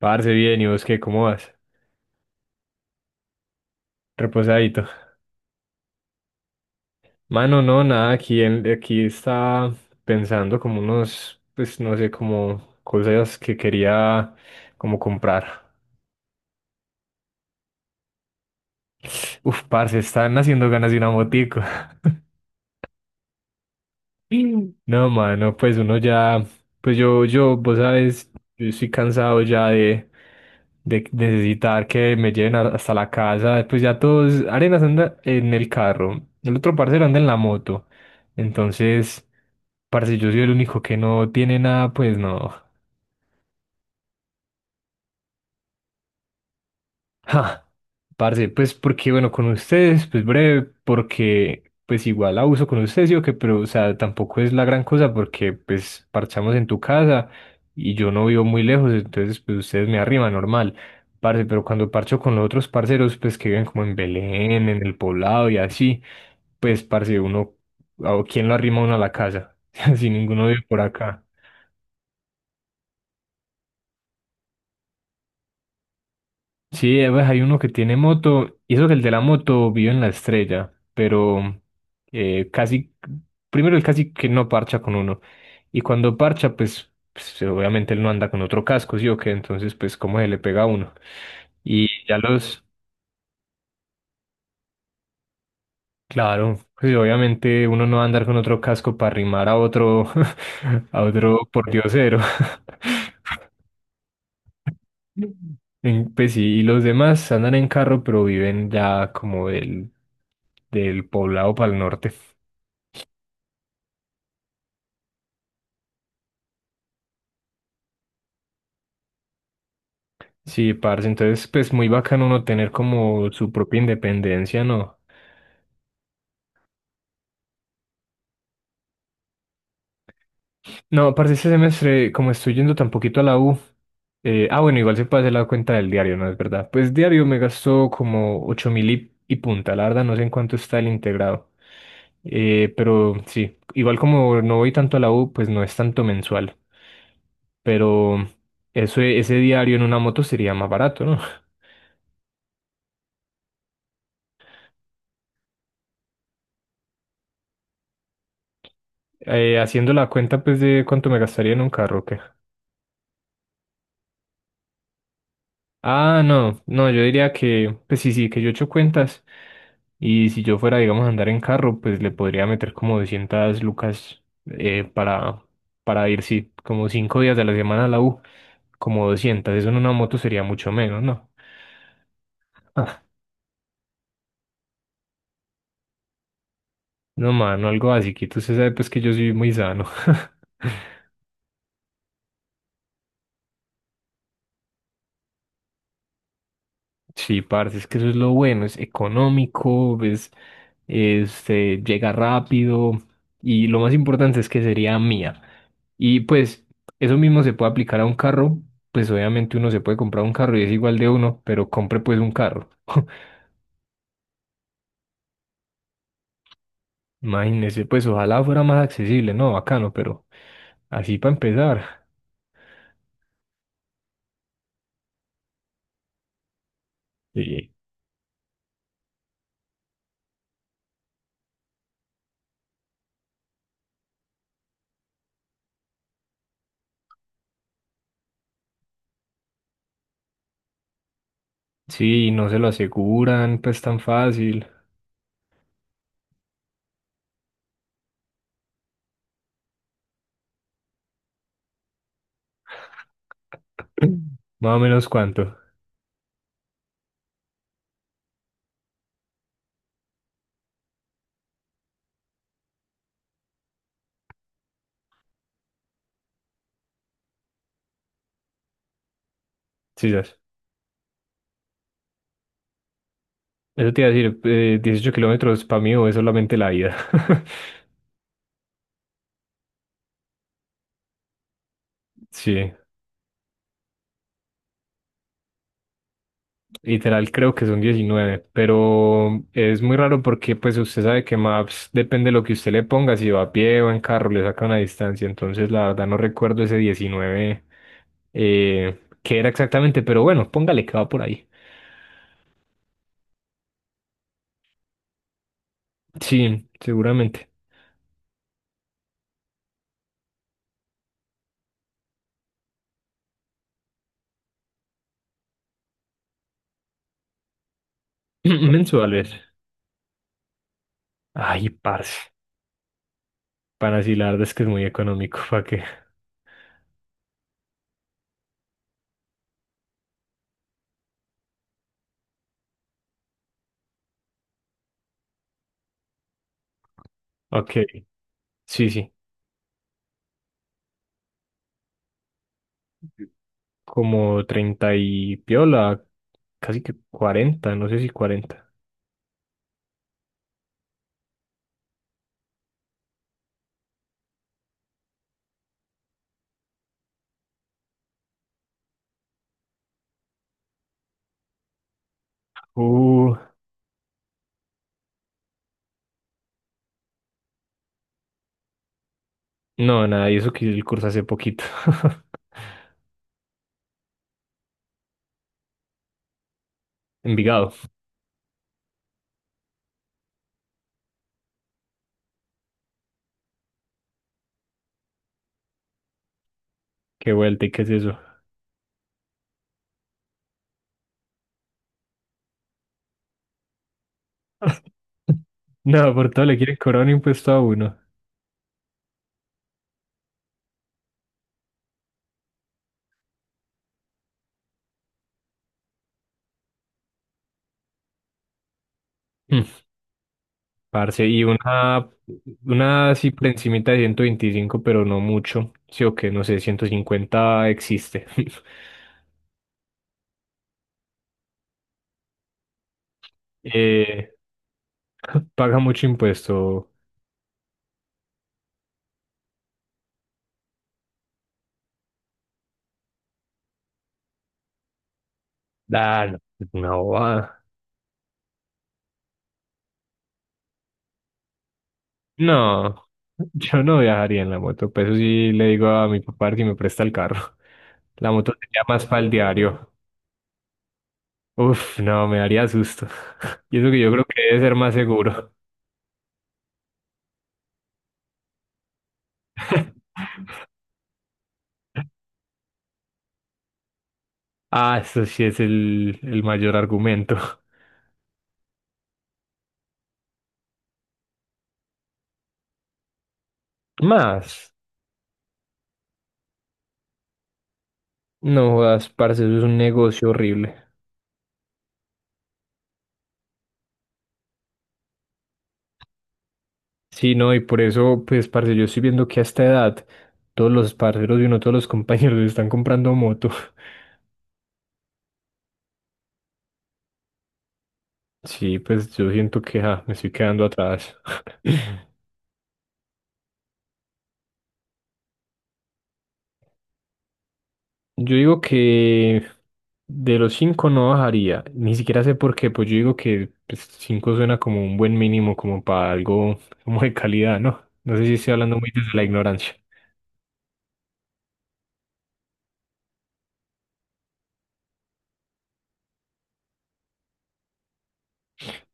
Parce, bien, ¿y vos qué? ¿Cómo vas? Reposadito. Mano, no, nada, aquí, aquí está pensando como unos, pues no sé, como cosas que quería como comprar. Uf, parce, están haciendo ganas de una motico. No, mano, pues uno ya, pues yo, vos sabes, yo estoy cansado ya de necesitar que me lleven hasta la casa. Pues ya todos, Arenas anda en el carro, el otro parcero anda en la moto. Entonces, parce, yo soy el único que no tiene nada, pues no. Ja, parce, pues porque bueno, con ustedes, pues breve, porque pues igual abuso con ustedes, sí o qué, pero o sea, tampoco es la gran cosa porque pues parchamos en tu casa y yo no vivo muy lejos, entonces pues ustedes me arriman, normal, parce, pero cuando parcho con los otros parceros, pues que viven como en Belén, en el poblado y así, pues parce, uno, ¿a ¿quién lo arrima uno a la casa? Si ninguno vive por acá. Sí, pues, hay uno que tiene moto, y eso que el de la moto vive en la estrella, pero casi, primero él casi que no parcha con uno, y cuando parcha, pues, obviamente él no anda con otro casco, ¿sí o qué? Entonces, pues, ¿cómo se le pega a uno? Y ya los, claro, pues obviamente uno no va a andar con otro casco para rimar a otro, a otro pordiosero. Pues sí, y los demás andan en carro, pero viven ya como del, del poblado para el norte. Sí, parce, entonces pues muy bacano uno tener como su propia independencia, ¿no? No, parce, este semestre, como estoy yendo tan poquito a la U, bueno, igual se puede hacer la cuenta del diario, ¿no? Es verdad. Pues diario me gastó como 8.000 y punta, la verdad, no sé en cuánto está el integrado. Pero sí, igual como no voy tanto a la U, pues no es tanto mensual, pero eso, ese diario en una moto sería más barato, ¿no? Haciendo la cuenta, pues, de cuánto me gastaría en un carro, ¿o ¿qué? Ah, no, no, yo diría que, pues sí, sí, que yo echo cuentas. Y si yo fuera, digamos, a andar en carro, pues le podría meter como 200 lucas para ir, sí, como cinco días de la semana a la U, como 200. Eso en una moto sería mucho menos, ¿no? Ah, no, mano, algo así, que tú se sabe, pues que yo soy muy sano. Sí, parce, es que eso es lo bueno, es económico, ves, este, llega rápido y lo más importante es que sería mía. Y pues eso mismo se puede aplicar a un carro, pues obviamente uno se puede comprar un carro y es igual de uno, pero compre pues un carro. Imagínese, pues ojalá fuera más accesible, ¿no? Bacano, pero así para empezar. Sí. Sí, no se lo aseguran, pues tan fácil. Más o menos cuánto. Sí, ya. Eso te iba a decir, 18 kilómetros para mí o es solamente la ida. Sí. Literal, creo que son 19 pero es muy raro porque pues usted sabe que Maps depende de lo que usted le ponga, si va a pie o en carro, le saca una distancia, entonces la verdad no recuerdo ese 19 qué era exactamente, pero bueno, póngale que va por ahí. Sí, seguramente. Mensuales. Ay, parce. Para sí, la verdad es que es muy económico, ¿para qué? Ok, sí, sí. Como 30 y piola, casi que 40 no sé si cuarenta. Uh. No, nada, y eso que el curso hace poquito. Envigado, qué vuelta y qué es eso. No, por todo le quieren cobrar un impuesto a uno. Mm, parce, y una así por encimita de 125, pero no mucho. Sí o qué, no sé, 150 existe. Eh, paga mucho impuesto. Ah, no, es una bobada. No, yo no viajaría en la moto, pues eso sí le digo a mi papá que me presta el carro. La moto sería más para el diario. Uf, no, me daría susto. Y eso que yo creo que debe ser más seguro. Ah, eso sí es el mayor argumento. Más, no jodas, parce, eso es un negocio horrible. Sí, no, y por eso, pues, parce, yo estoy viendo que a esta edad todos los parceros y uno, todos los compañeros están comprando moto. Sí, pues yo siento que me estoy quedando atrás. Yo digo que de los cinco no bajaría, ni siquiera sé por qué, pues yo digo que pues, cinco suena como un buen mínimo, como para algo como de calidad, ¿no? No sé si estoy hablando muy desde la ignorancia,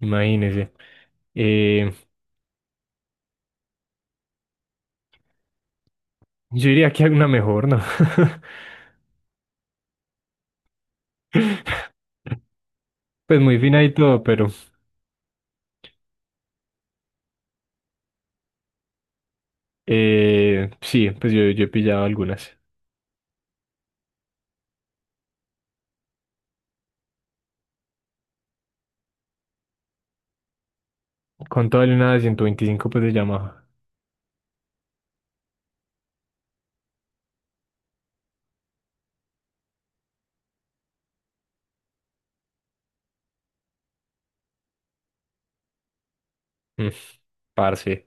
imagínese. Eh, yo diría que hay una mejor, ¿no? Pues muy fina y todo, pero sí, pues yo he pillado algunas. Con todo el una de 125 pues de Yamaha. Mm, parce.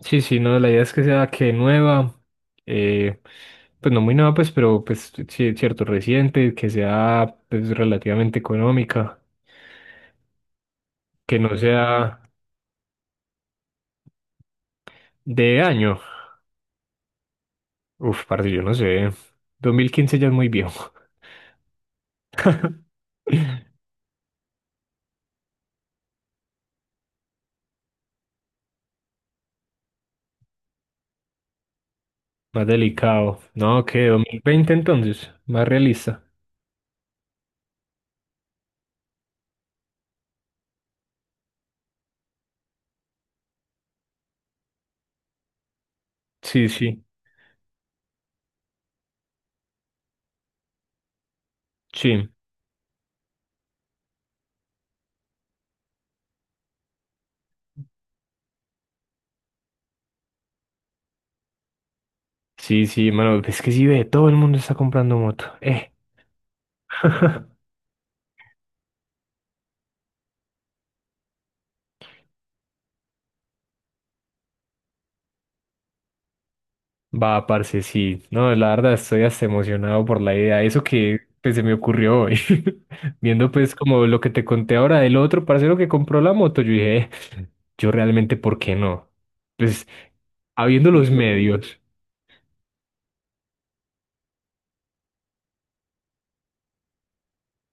Sí, sí, no, la idea es que sea que nueva, eh, pues no muy nueva, pues, pero pues sí, cierto, reciente, que sea pues relativamente económica, que no sea de año. Uf, parce, yo no sé. 2015 ya es muy viejo, más delicado. No, que 2020 entonces, más realista. Sí, sí, sí, sí, sí, mano, es que sí ve, todo el mundo está comprando moto. Va, parce, sí. No, la verdad estoy hasta emocionado por la idea. Eso que pues, se me ocurrió hoy. Viendo pues como lo que te conté ahora del otro parcero que compró la moto, yo dije, yo realmente, ¿por qué no? Pues, habiendo los medios."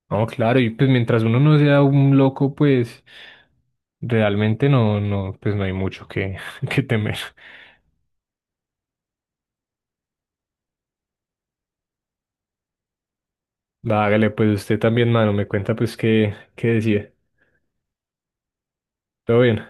No, claro, y pues mientras uno no sea un loco, pues realmente no, no, pues no hay mucho que, que temer. Va, hágale, pues usted también, mano, me cuenta pues qué, qué decide. Todo bien.